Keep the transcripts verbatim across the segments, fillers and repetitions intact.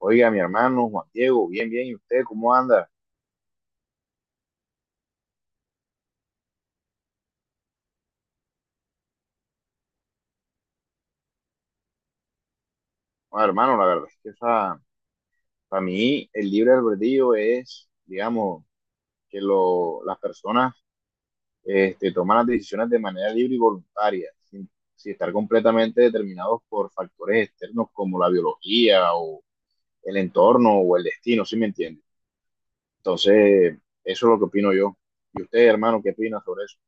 Oiga, mi hermano Juan Diego, bien, bien, ¿y usted cómo anda? Bueno, hermano, la verdad es que esa- para mí el libre albedrío es, digamos, que lo, las personas este, toman las decisiones de manera libre y voluntaria, sin, sin estar completamente determinados por factores externos como la biología o el entorno o el destino, ¿sí me entiende? Entonces, eso es lo que opino yo. ¿Y usted, hermano, qué opina sobre eso?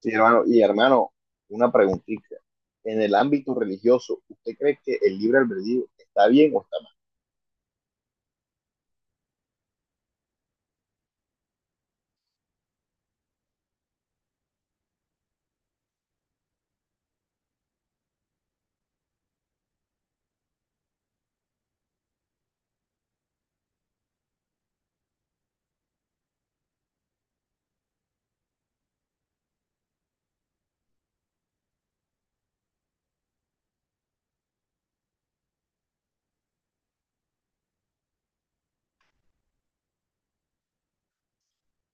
Sí, hermano. Y hermano, una preguntita. En el ámbito religioso, ¿usted cree que el libre albedrío está bien o está mal?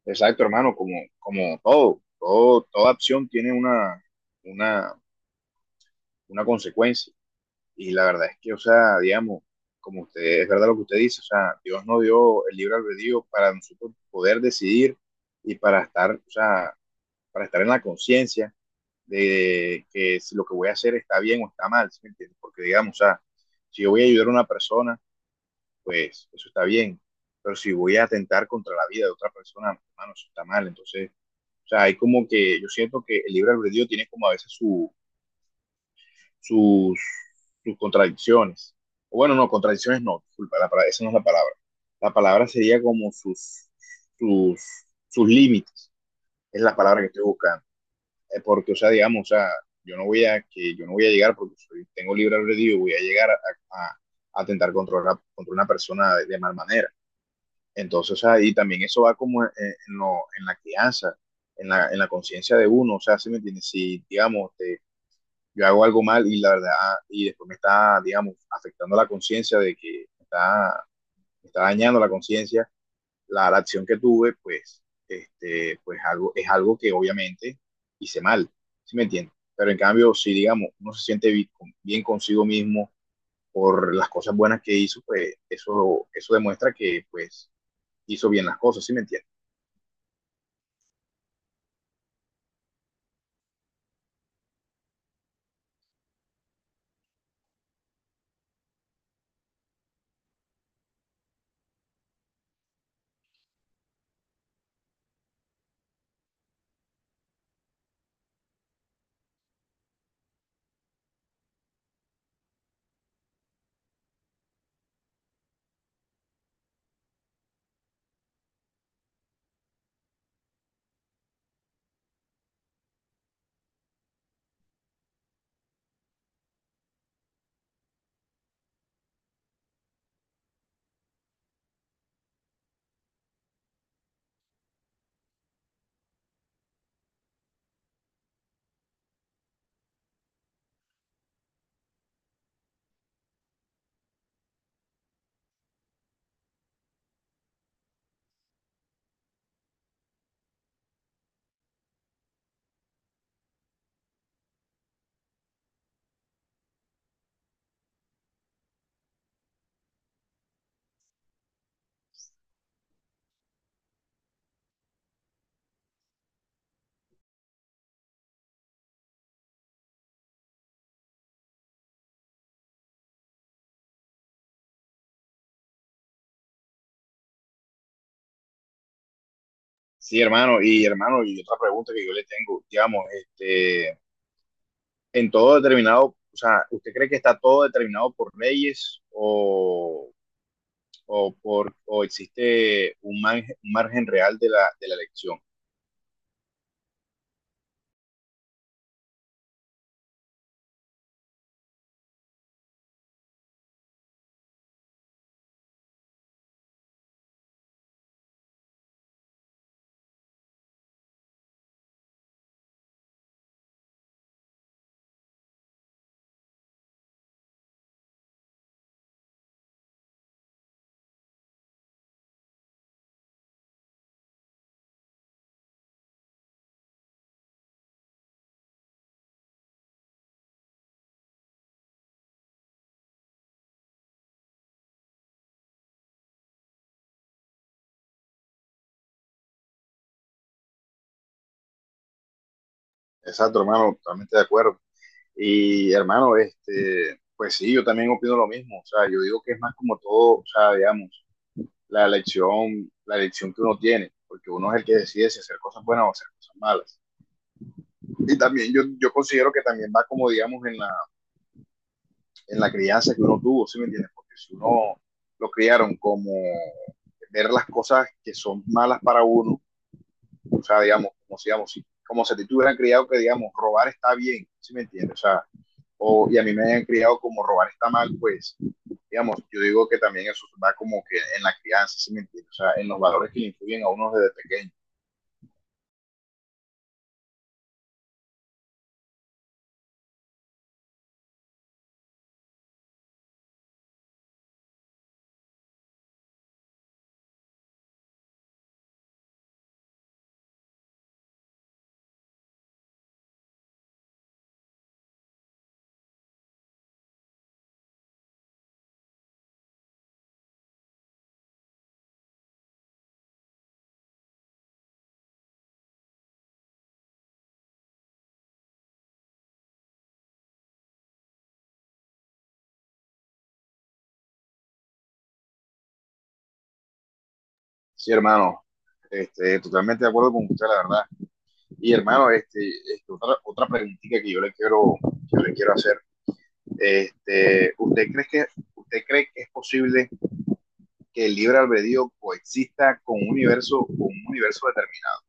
Exacto, hermano, como, como todo, todo, toda acción tiene una, una, una consecuencia. Y la verdad es que, o sea, digamos, como usted, es verdad lo que usted dice, o sea, Dios nos dio el libre albedrío para nosotros poder decidir y para estar, o sea, para estar en la conciencia de que si lo que voy a hacer está bien o está mal, ¿sí me entiendes? Porque digamos, o sea, si yo voy a ayudar a una persona, pues eso está bien, pero si voy a atentar contra la vida de otra persona, hermano, eso está mal. Entonces, o sea, hay como que yo siento que el libre albedrío tiene como a veces su, sus, sus contradicciones. O bueno, no, contradicciones no, disculpa, la, palabra- esa no es la palabra. La palabra sería como sus, sus, sus límites, es la palabra que estoy buscando. Eh, porque, o sea, digamos, o sea, yo no voy a, que yo no voy a llegar porque soy, tengo libre albedrío, y voy a llegar a, a, a tentar controlar contra una persona de, de, mal manera. Entonces, o sea, y también eso va como en, en, lo, en la crianza, en la, en la conciencia de uno, o sea, si ¿sí me entiendes? Si, digamos, te, yo hago algo mal y la verdad, ah, y después me está, digamos, afectando la conciencia de que me está, me está dañando la conciencia, la, la acción que tuve, pues, este, pues algo, es algo que obviamente hice mal, ¿sí me entiendes? Pero en cambio, si digamos, uno se siente bien, bien consigo mismo por las cosas buenas que hizo, pues eso, eso demuestra que pues hizo bien las cosas, ¿sí me entiendes? Sí, hermano, y hermano, y otra pregunta que yo le tengo, digamos, este, en todo determinado, o sea, ¿usted cree que está todo determinado por leyes o, o por, o existe un, margen, un margen real de la, de la elección? Exacto, hermano, totalmente de acuerdo. Y hermano, este, pues sí, yo también opino lo mismo. O sea, yo digo que es más como todo, o sea, digamos, la elección, la elección que uno tiene, porque uno es el que decide si hacer cosas buenas o hacer cosas malas. Y también yo, yo considero que también va como, digamos, en la, en la crianza que uno tuvo, ¿sí me entiendes? Porque si uno lo criaron como ver las cosas que son malas para uno, o sea, digamos, como si, digamos, si- como si a ti te hubieran criado que, digamos, robar está bien, ¿sí me entiendes? O sea, o, y a mí me hayan criado como robar está mal, pues, digamos, yo digo que también eso va como que en la crianza, ¿sí me entiendes? O sea, en los valores que le influyen a uno desde pequeño. Sí, hermano, este, totalmente de acuerdo con usted, la verdad. Y hermano, este, este otra, otra preguntita que yo le quiero, yo le quiero hacer. Este, ¿usted cree que ¿usted cree que es posible que el libre albedrío coexista con un universo, con un universo determinado?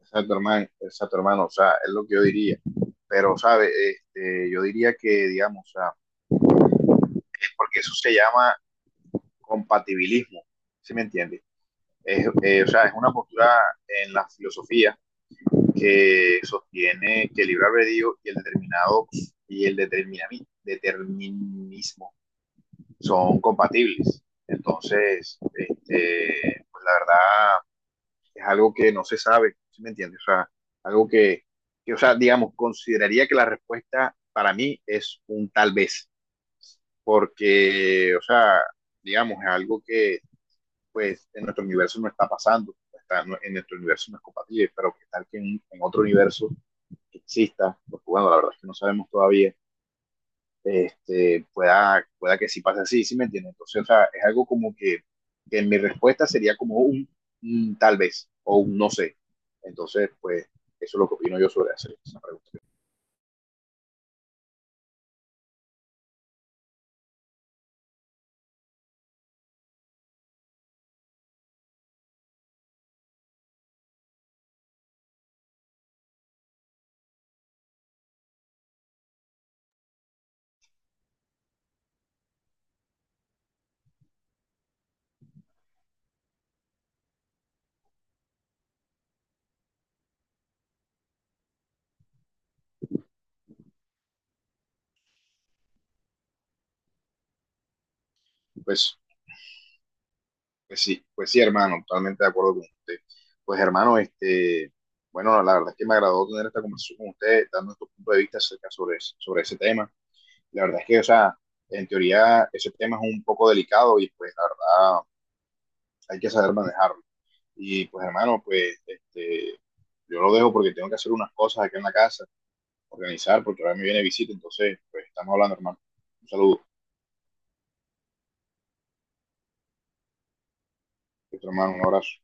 Exacto, hermano, exacto, hermano, o sea, es lo que yo diría. Pero, ¿sabe? Este, yo diría que, digamos, o sea, es porque eso se llama compatibilismo, ¿sí me entiende? Es, eh, o sea, es una postura en la filosofía que sostiene que el libre albedrío y el determinado y el determinami- determinismo son compatibles. Entonces, este, pues la verdad, es algo que no se sabe, ¿sí me entiendes? O sea, algo que, que, o sea, digamos, consideraría que la respuesta para mí es un tal vez, porque, o sea, digamos, es algo que, pues, en nuestro universo no está pasando, está, no, en nuestro universo no es compatible, pero que tal que en, en otro universo exista, porque bueno, la verdad es que no sabemos todavía, este, pueda, pueda que sí pase así, ¿sí me entiendes? Entonces, o sea, es algo como que, que mi respuesta sería como un, un tal vez o un no sé. Entonces, pues, eso es lo que opino yo sobre hacer esa pregunta. Pues, pues sí, pues sí, hermano, totalmente de acuerdo con usted. Pues, hermano, este, bueno, la verdad es que me agradó tener esta conversación con usted, dando nuestro punto de vista acerca sobre, ese- sobre ese tema. La verdad es que, o sea, en teoría, ese tema es un poco delicado y, pues, la verdad, hay que saber manejarlo. Y pues hermano, pues este, yo lo dejo porque tengo que hacer unas cosas acá en la casa, organizar, porque ahora me viene visita, entonces pues estamos hablando hermano. Un saludo, nuestro hermano, un abrazo.